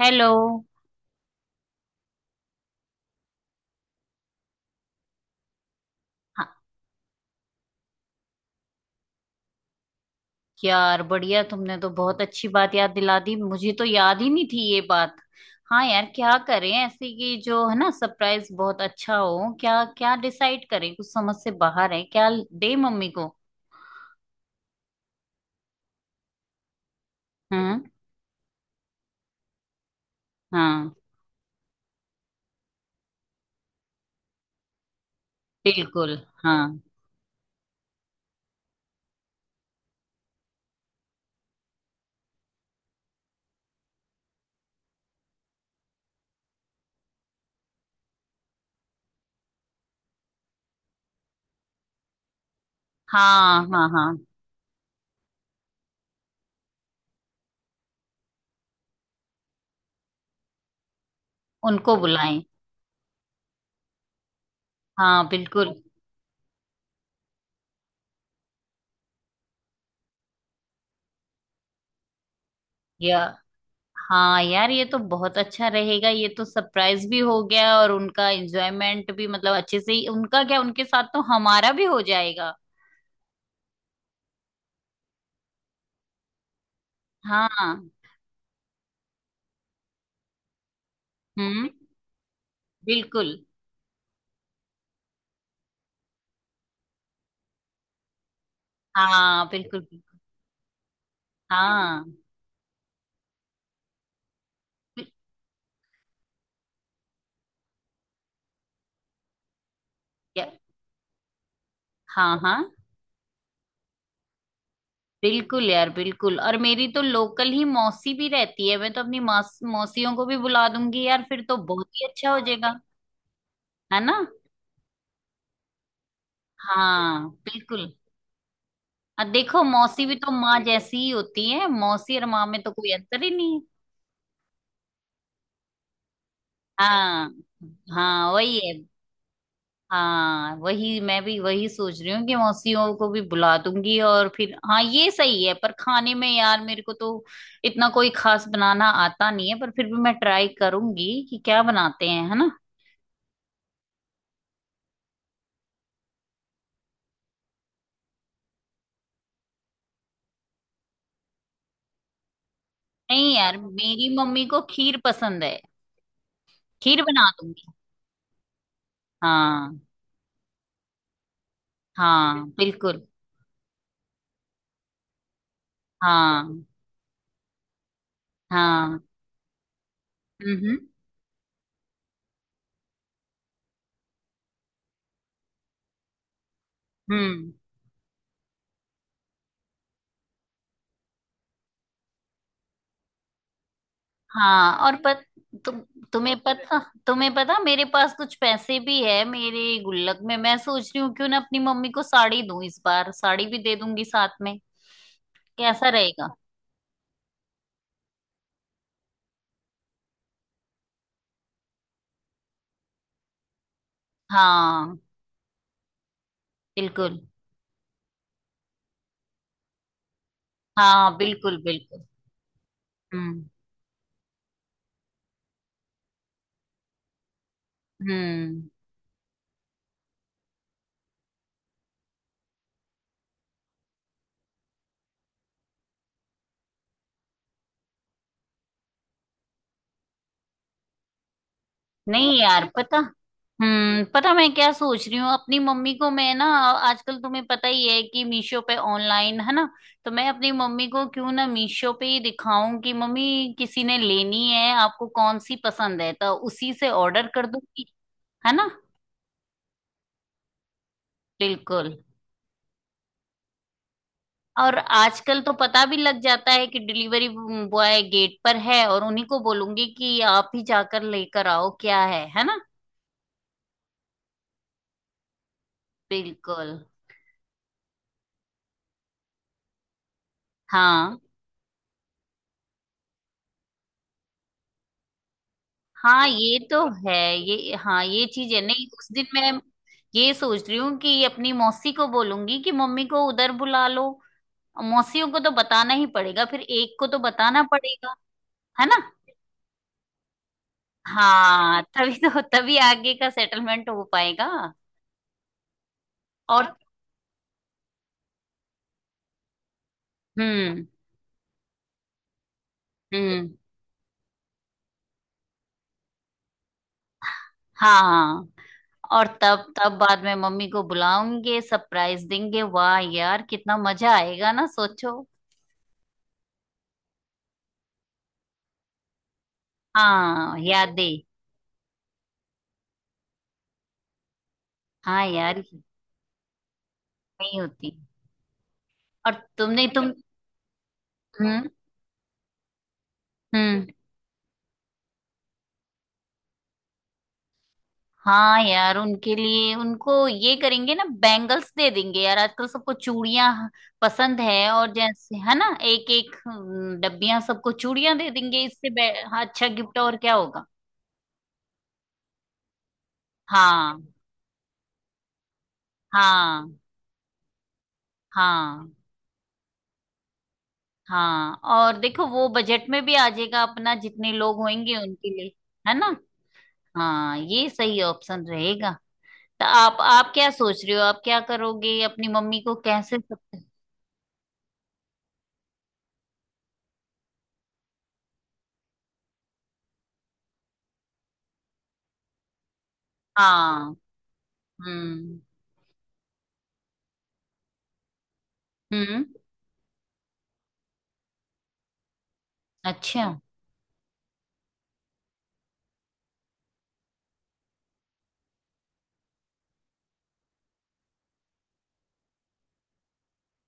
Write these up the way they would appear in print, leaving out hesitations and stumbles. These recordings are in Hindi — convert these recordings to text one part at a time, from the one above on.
हेलो। हाँ, यार बढ़िया, तुमने तो बहुत अच्छी बात याद दिला दी, मुझे तो याद ही नहीं थी ये बात। हाँ यार, क्या करें ऐसे कि जो है ना सरप्राइज बहुत अच्छा हो, क्या क्या डिसाइड करें, कुछ समझ से बाहर है क्या दे मम्मी को। हम्म। हाँ। बिल्कुल। हाँ हाँ, हाँ उनको बुलाएं। हाँ बिल्कुल। या, हाँ यार ये तो बहुत अच्छा रहेगा, ये तो सरप्राइज भी हो गया और उनका एंजॉयमेंट भी, मतलब अच्छे से ही उनका, क्या उनके साथ तो हमारा भी हो जाएगा। हाँ। हम्म। बिल्कुल। हाँ बिल्कुल बिल्कुल। हाँ। बिल- या- हाँ हाँ, बिल्कुल यार बिल्कुल, और मेरी तो लोकल ही मौसी भी रहती है, मैं तो अपनी मौसियों को भी बुला दूंगी यार, फिर तो बहुत ही अच्छा हो जाएगा। है ना? हाँ बिल्कुल। और देखो, मौसी भी तो माँ जैसी ही होती है, मौसी और माँ में तो कोई अंतर ही नहीं है। हाँ। हाँ वही है। हाँ वही, मैं भी वही सोच रही हूँ कि मौसियों को भी बुला दूंगी, और फिर हाँ ये सही है। पर खाने में यार मेरे को तो इतना कोई खास बनाना आता नहीं है, पर फिर भी मैं ट्राई करूंगी कि क्या बनाते हैं, है ना? नहीं यार, मेरी मम्मी को खीर पसंद है। खीर बना दूंगी। हाँ। हाँ बिल्कुल। हाँ। हाँ। हम्म। हम्म। हाँ और पत, तु, तुम्हें पता, तुम्हें पता मेरे पास कुछ पैसे भी है मेरे गुल्लक में, मैं सोच रही हूँ क्यों ना अपनी मम्मी को साड़ी दूं, इस बार साड़ी भी दे दूंगी साथ में। कैसा रहेगा? हाँ बिल्कुल। हाँ बिल्कुल बिल्कुल। हम्म। हम्म। नहीं यार पता, हम्म, पता मैं क्या सोच रही हूँ अपनी मम्मी को, मैं ना आजकल तुम्हें पता ही है कि मीशो पे ऑनलाइन है ना, तो मैं अपनी मम्मी को क्यों ना मीशो पे ही दिखाऊं कि मम्मी किसी ने लेनी है, आपको कौन सी पसंद है, तो उसी से ऑर्डर कर दूंगी। है ना? बिल्कुल। और आजकल तो पता भी लग जाता है कि डिलीवरी बॉय गेट पर है, और उन्हीं को बोलूंगी कि आप ही जाकर लेकर आओ क्या है ना? बिल्कुल। हाँ हाँ, ये तो है। ये हाँ, ये चीज है। नहीं उस दिन मैं ये सोच रही हूँ कि अपनी मौसी को बोलूंगी कि मम्मी को उधर बुला लो। मौसियों को तो बताना ही पड़ेगा, फिर एक को तो बताना पड़ेगा। है ना? हाँ तभी तो, तभी आगे का सेटलमेंट हो पाएगा। और, हम्म। हम्म। हाँ और तब, तब बाद में मम्मी को बुलाऊंगे, सरप्राइज देंगे। वाह यार कितना मजा आएगा ना, सोचो। हाँ यादें। हाँ यार, नहीं होती। और तुमने, तुम मतलब, हम्म। हम्म। हाँ यार उनके लिए, उनको ये करेंगे ना, बैंगल्स दे देंगे यार, आजकल सबको चूड़ियां पसंद है। और जैसे है ना एक एक डब्बियां, सबको चूड़ियां दे देंगे। हाँ, अच्छा गिफ्ट और क्या होगा। हाँ हाँ हाँ। हाँ और देखो वो बजट में भी आ जाएगा अपना, जितने लोग होंगे उनके लिए। है ना? हाँ ये सही ऑप्शन रहेगा। तो आप क्या सोच रहे हो, आप क्या करोगे अपनी मम्मी को कैसे सब। हाँ। हम्म। हम्म। अच्छा।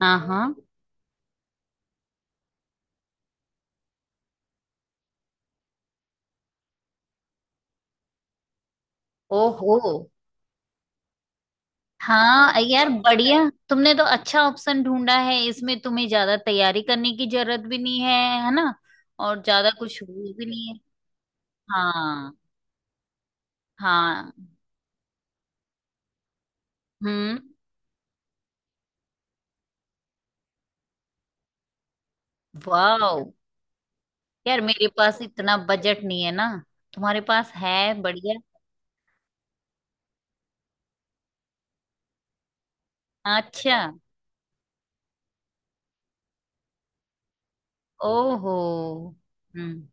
हाँ। हाँ। ओहो। हाँ यार बढ़िया, तुमने तो अच्छा ऑप्शन ढूंढा है, इसमें तुम्हें ज्यादा तैयारी करने की जरूरत भी नहीं है। है ना? और ज्यादा कुछ वो भी नहीं है। हाँ। हाँ। हम्म। वाह यार, मेरे पास इतना बजट नहीं है ना, तुम्हारे पास है बढ़िया। अच्छा। ओहो। हम्म।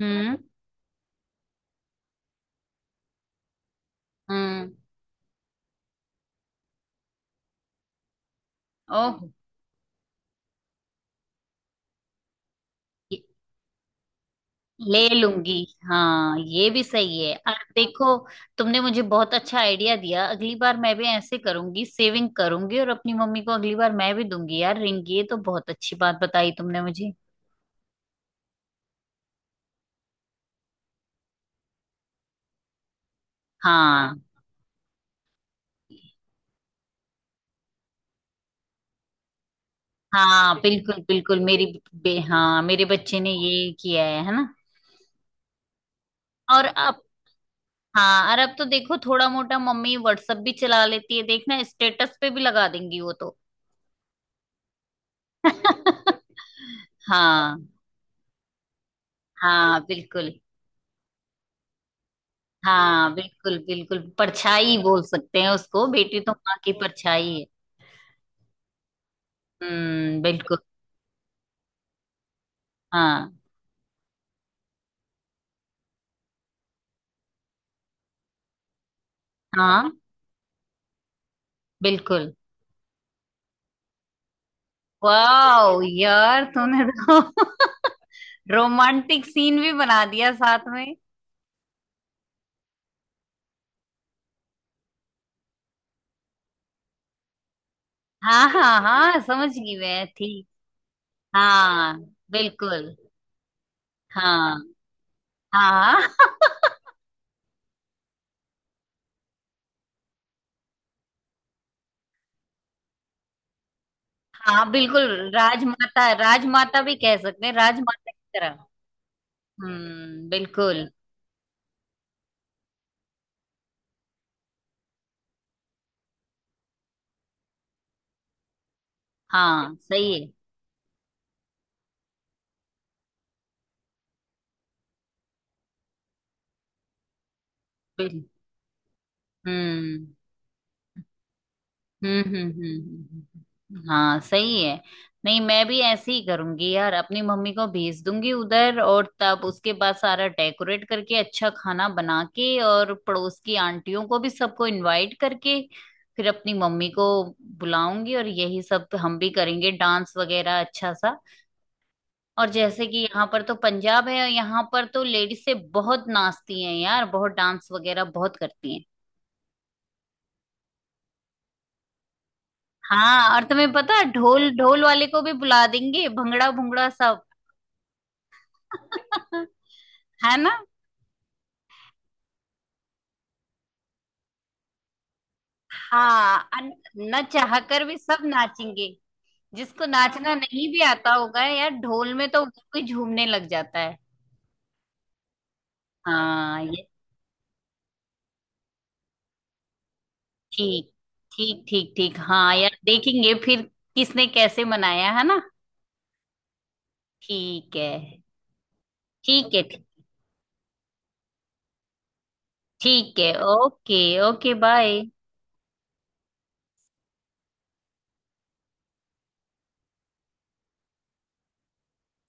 हम्म। हम्म। ओहो। ले लूंगी। हाँ ये भी सही है, और देखो तुमने मुझे बहुत अच्छा आइडिया दिया, अगली बार मैं भी ऐसे करूंगी, सेविंग करूंगी और अपनी मम्मी को अगली बार मैं भी दूंगी यार रिंग। ये तो बहुत अच्छी बात बताई तुमने मुझे। हाँ। हाँ बिल्कुल बिल्कुल मेरी, हाँ मेरे बच्चे ने ये किया है ना? और अब, हाँ और अब तो देखो थोड़ा मोटा मम्मी व्हाट्सएप भी चला लेती है, देखना स्टेटस पे भी लगा देंगी वो तो। हाँ। हाँ बिल्कुल। हाँ बिल्कुल बिल्कुल, परछाई बोल सकते हैं उसको, बेटी तो माँ की परछाई है। बिल्कुल। हाँ। हाँ बिल्कुल। वाओ यार तूने तो रोमांटिक सीन भी बना दिया साथ में। हाँ हाँ हाँ, समझ गई मैं। ठीक। हाँ। बिल्कुल। हाँ। हाँ। हाँ बिल्कुल, राजमाता, राजमाता भी कह सकते हैं, राजमाता की तरह। बिल्कुल। हाँ सही है। बिल- हम्म हाँ सही है। नहीं मैं भी ऐसे ही करूंगी यार, अपनी मम्मी को भेज दूंगी उधर, और तब उसके बाद सारा डेकोरेट करके, अच्छा खाना बना के, और पड़ोस की आंटियों को भी सबको इनवाइट करके फिर अपनी मम्मी को बुलाऊंगी, और यही सब हम भी करेंगे डांस वगैरह अच्छा सा। और जैसे कि यहाँ पर तो पंजाब है, यहाँ पर तो लेडीज से बहुत नाचती हैं यार, बहुत डांस वगैरह बहुत करती हैं। हाँ। और तुम्हें पता है, ढोल, ढोल वाले को भी बुला देंगे, भंगड़ा भुंगड़ा सब। है ना? हाँ। न चाह कर भी सब नाचेंगे। जिसको नाचना नहीं भी आता होगा यार, ढोल में तो उधर कोई झूमने लग जाता है। हाँ ये, ठीक ठीक ठीक ठीक। हाँ यार देखेंगे फिर किसने कैसे मनाया, है ना? ठीक है। ठीक है। ठीक है, ओके। Okay bye.